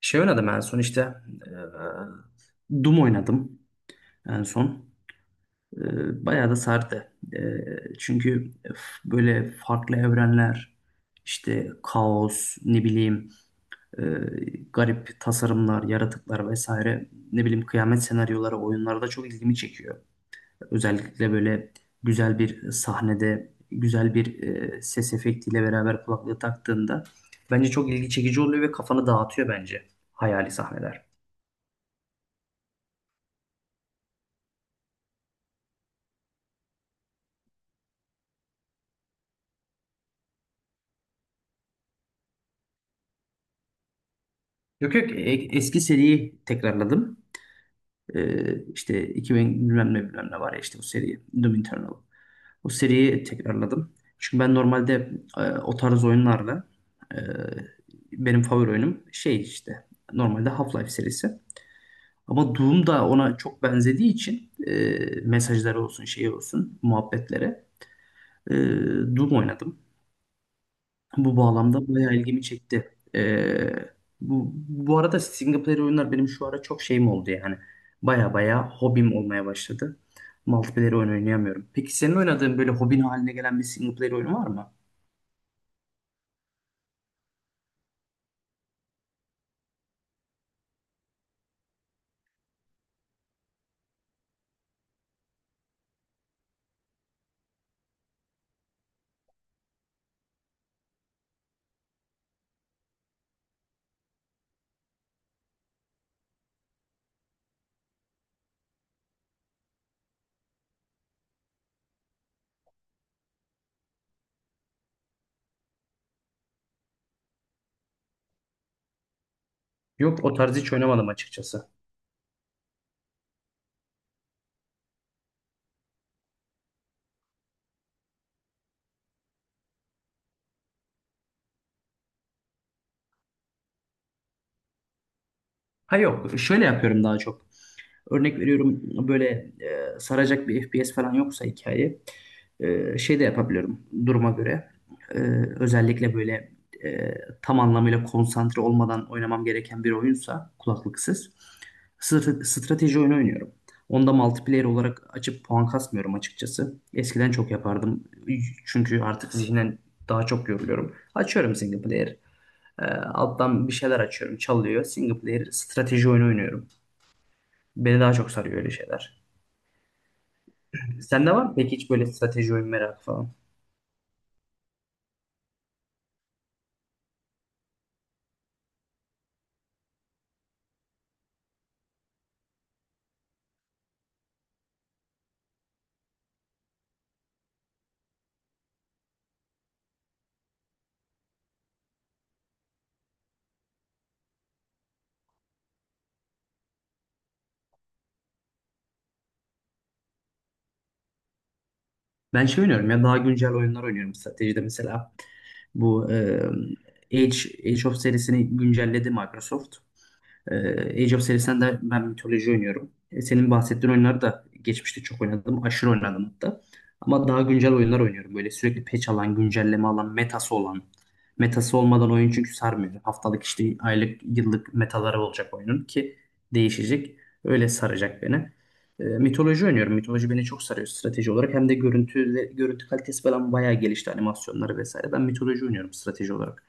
Oynadım en son işte. Doom oynadım en son. Bayağı da sardı. Çünkü böyle farklı evrenler, işte kaos, ne bileyim, e, garip tasarımlar, yaratıklar vesaire. Ne bileyim, kıyamet senaryoları oyunlarda çok ilgimi çekiyor. Özellikle böyle güzel bir sahnede, güzel bir ses efektiyle beraber kulaklığı taktığında bence çok ilgi çekici oluyor ve kafanı dağıtıyor bence hayali sahneler. Yok yok, eski seriyi tekrarladım. İşte 2000 bilmem ne bilmem ne var ya işte o seri Doom Eternal. O seriyi tekrarladım. Çünkü ben normalde o tarz oyunlarla e, benim favori oyunum şey işte normalde Half-Life serisi. Ama Doom da ona çok benzediği için mesajları olsun şeyi olsun muhabbetlere, e, Doom oynadım. Bu bağlamda bayağı ilgimi çekti. Bu arada single player oyunlar benim şu ara çok şeyim oldu yani. Baya baya hobim olmaya başladı. Multiplayer oyun oynayamıyorum. Peki senin oynadığın böyle hobin haline gelen bir single player oyun var mı? Yok, o tarz hiç oynamadım açıkçası. Ha yok, şöyle yapıyorum daha çok. Örnek veriyorum, böyle saracak bir FPS falan yoksa hikaye, şey de yapabiliyorum duruma göre. E, Özellikle böyle e, tam anlamıyla konsantre olmadan oynamam gereken bir oyunsa kulaklıksız strateji oyunu oynuyorum. Onda multiplayer olarak açıp puan kasmıyorum açıkçası. Eskiden çok yapardım. Çünkü artık zihnen daha çok yoruluyorum. Açıyorum single player. Alttan bir şeyler açıyorum. Çalıyor. Single player strateji oyunu oynuyorum. Beni daha çok sarıyor öyle şeyler. Sende var mı peki hiç böyle strateji oyun merakı falan? Ben şey oynuyorum ya, daha güncel oyunlar oynuyorum stratejide mesela. Bu Age, Age of serisini güncelledi Microsoft. Age of serisinden de ben mitoloji oynuyorum. E, senin bahsettiğin oyunları da geçmişte çok oynadım. Aşırı oynadım hatta. Ama daha güncel oyunlar oynuyorum. Böyle sürekli patch alan, güncelleme alan, metası olan. Metası olmadan oyun çünkü sarmıyor. Haftalık, işte aylık, yıllık metaları olacak oyunun ki değişecek. Öyle saracak beni. Mitoloji oynuyorum. Mitoloji beni çok sarıyor strateji olarak. Hem de görüntü, görüntü kalitesi falan bayağı gelişti, animasyonları vesaire. Ben mitoloji oynuyorum strateji olarak.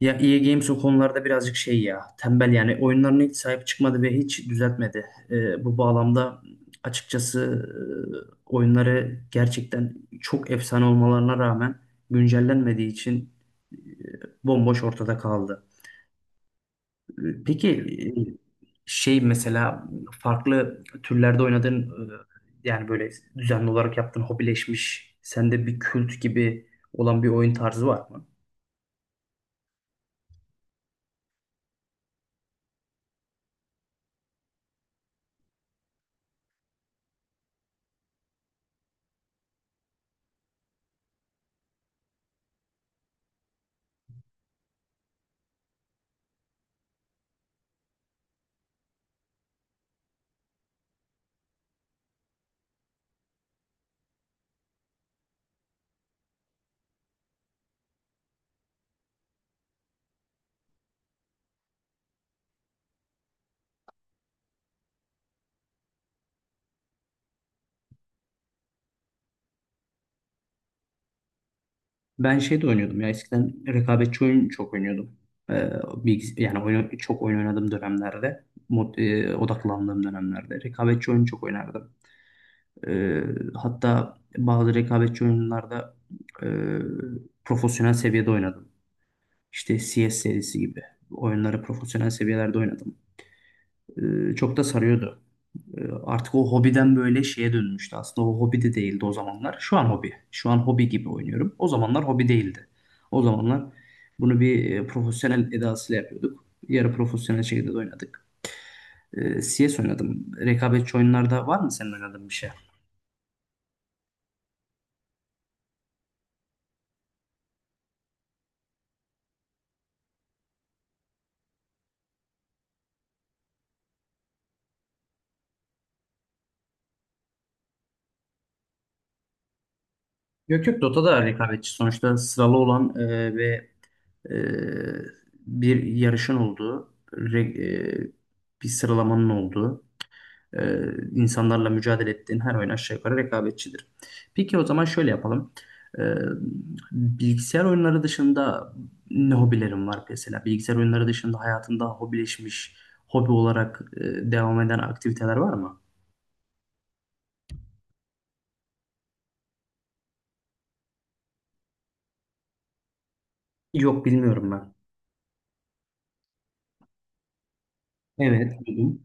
Ya EA Games o konularda birazcık şey ya, tembel yani, oyunlarına hiç sahip çıkmadı ve hiç düzeltmedi. Bu bağlamda açıkçası oyunları gerçekten çok efsane olmalarına rağmen güncellenmediği için e, bomboş ortada kaldı. Peki, şey mesela, farklı türlerde oynadığın, yani böyle düzenli olarak yaptığın, hobileşmiş sende bir kült gibi olan bir oyun tarzı var mı? Ben şey de oynuyordum ya, eskiden rekabetçi oyun çok oynuyordum. Ee, Yani oyun, çok oyun oynadığım dönemlerde, odaklandığım dönemlerde rekabetçi oyun çok oynardım. Ee, Hatta bazı rekabetçi oyunlarda e, profesyonel seviyede oynadım. İşte CS serisi gibi oyunları profesyonel seviyelerde oynadım. Çok da sarıyordu. Artık o hobiden böyle şeye dönmüştü. Aslında o hobi de değildi o zamanlar. Şu an hobi. Şu an hobi gibi oynuyorum. O zamanlar hobi değildi. O zamanlar bunu bir profesyonel edasıyla yapıyorduk. Yarı profesyonel şekilde de oynadık. CS oynadım. Rekabetçi oyunlarda var mı senin oynadığın bir şey? Yok yok, Dota da rekabetçi. Sonuçta sıralı olan ve e, bir yarışın olduğu, e, bir sıralamanın olduğu, Ee, insanlarla mücadele ettiğin her oyun aşağı yukarı rekabetçidir. Peki o zaman şöyle yapalım. Ee, Bilgisayar oyunları dışında ne hobilerin var mesela? Bilgisayar oyunları dışında hayatında hobileşmiş, hobi olarak devam eden aktiviteler var mı? Yok, bilmiyorum ben. Evet, duydum.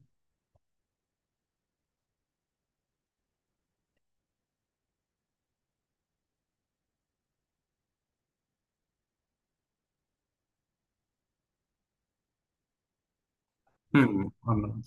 Hmm, anladım.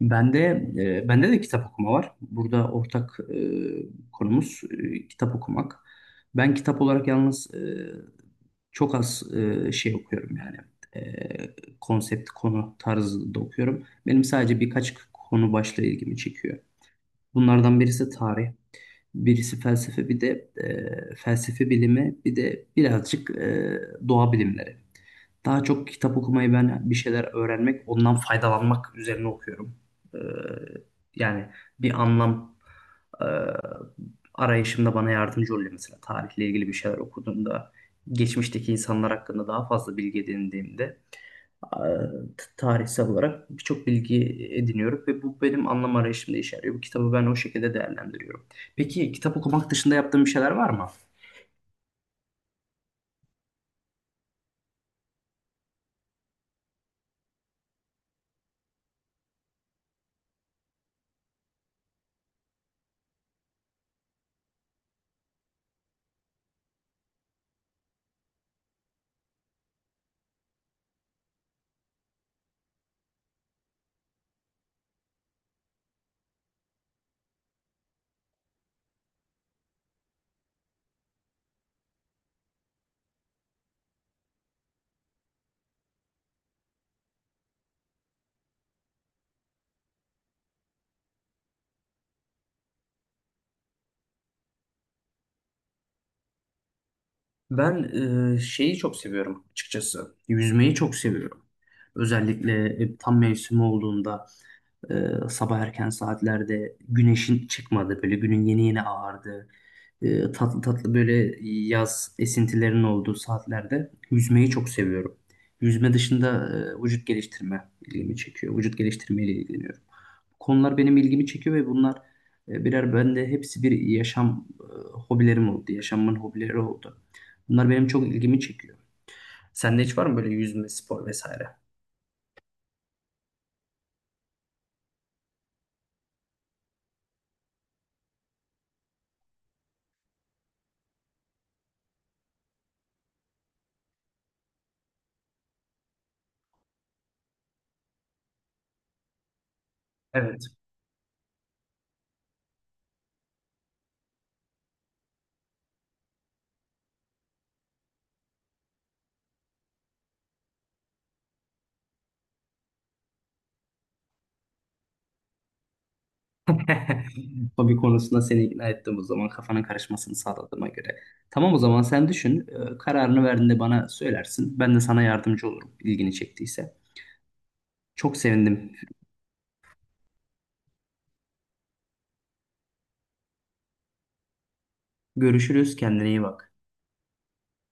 Bende, bende de kitap okuma var. Burada ortak konumuz kitap okumak. Ben kitap olarak yalnız, çok az şey okuyorum yani. E, Konsept, konu tarzında okuyorum. Benim sadece birkaç konu başlığı ilgimi çekiyor. Bunlardan birisi tarih, birisi felsefe, bir de felsefe bilimi, bir de birazcık doğa bilimleri. Daha çok kitap okumayı ben bir şeyler öğrenmek, ondan faydalanmak üzerine okuyorum. Ee, Yani bir anlam e, arayışımda bana yardımcı oluyor. Mesela tarihle ilgili bir şeyler okuduğumda, geçmişteki insanlar hakkında daha fazla bilgi edindiğimde, e, tarihsel olarak birçok bilgi ediniyorum ve bu benim anlam arayışımda işe yarıyor. Bu kitabı ben o şekilde değerlendiriyorum. Peki kitap okumak dışında yaptığın bir şeyler var mı? Ben, şeyi çok seviyorum açıkçası. Yüzmeyi çok seviyorum. Özellikle tam mevsimi olduğunda, e, sabah erken saatlerde güneşin çıkmadı, böyle günün yeni yeni ağardı, tatlı tatlı böyle yaz esintilerinin olduğu saatlerde yüzmeyi çok seviyorum. Yüzme dışında vücut geliştirme ilgimi çekiyor. Vücut geliştirmeyle ilgileniyorum, konular benim ilgimi çekiyor ve bunlar birer bende hepsi bir yaşam hobilerim oldu. Yaşamın hobileri oldu. Bunlar benim çok ilgimi çekiyor. Sende hiç var mı böyle yüzme, spor vesaire? Evet. Hobi konusunda seni ikna ettim o zaman, kafanın karışmasını sağladığıma göre. Tamam, o zaman sen düşün. Kararını verdiğinde bana söylersin. Ben de sana yardımcı olurum ilgini çektiyse. Çok sevindim. Görüşürüz. Kendine iyi bak.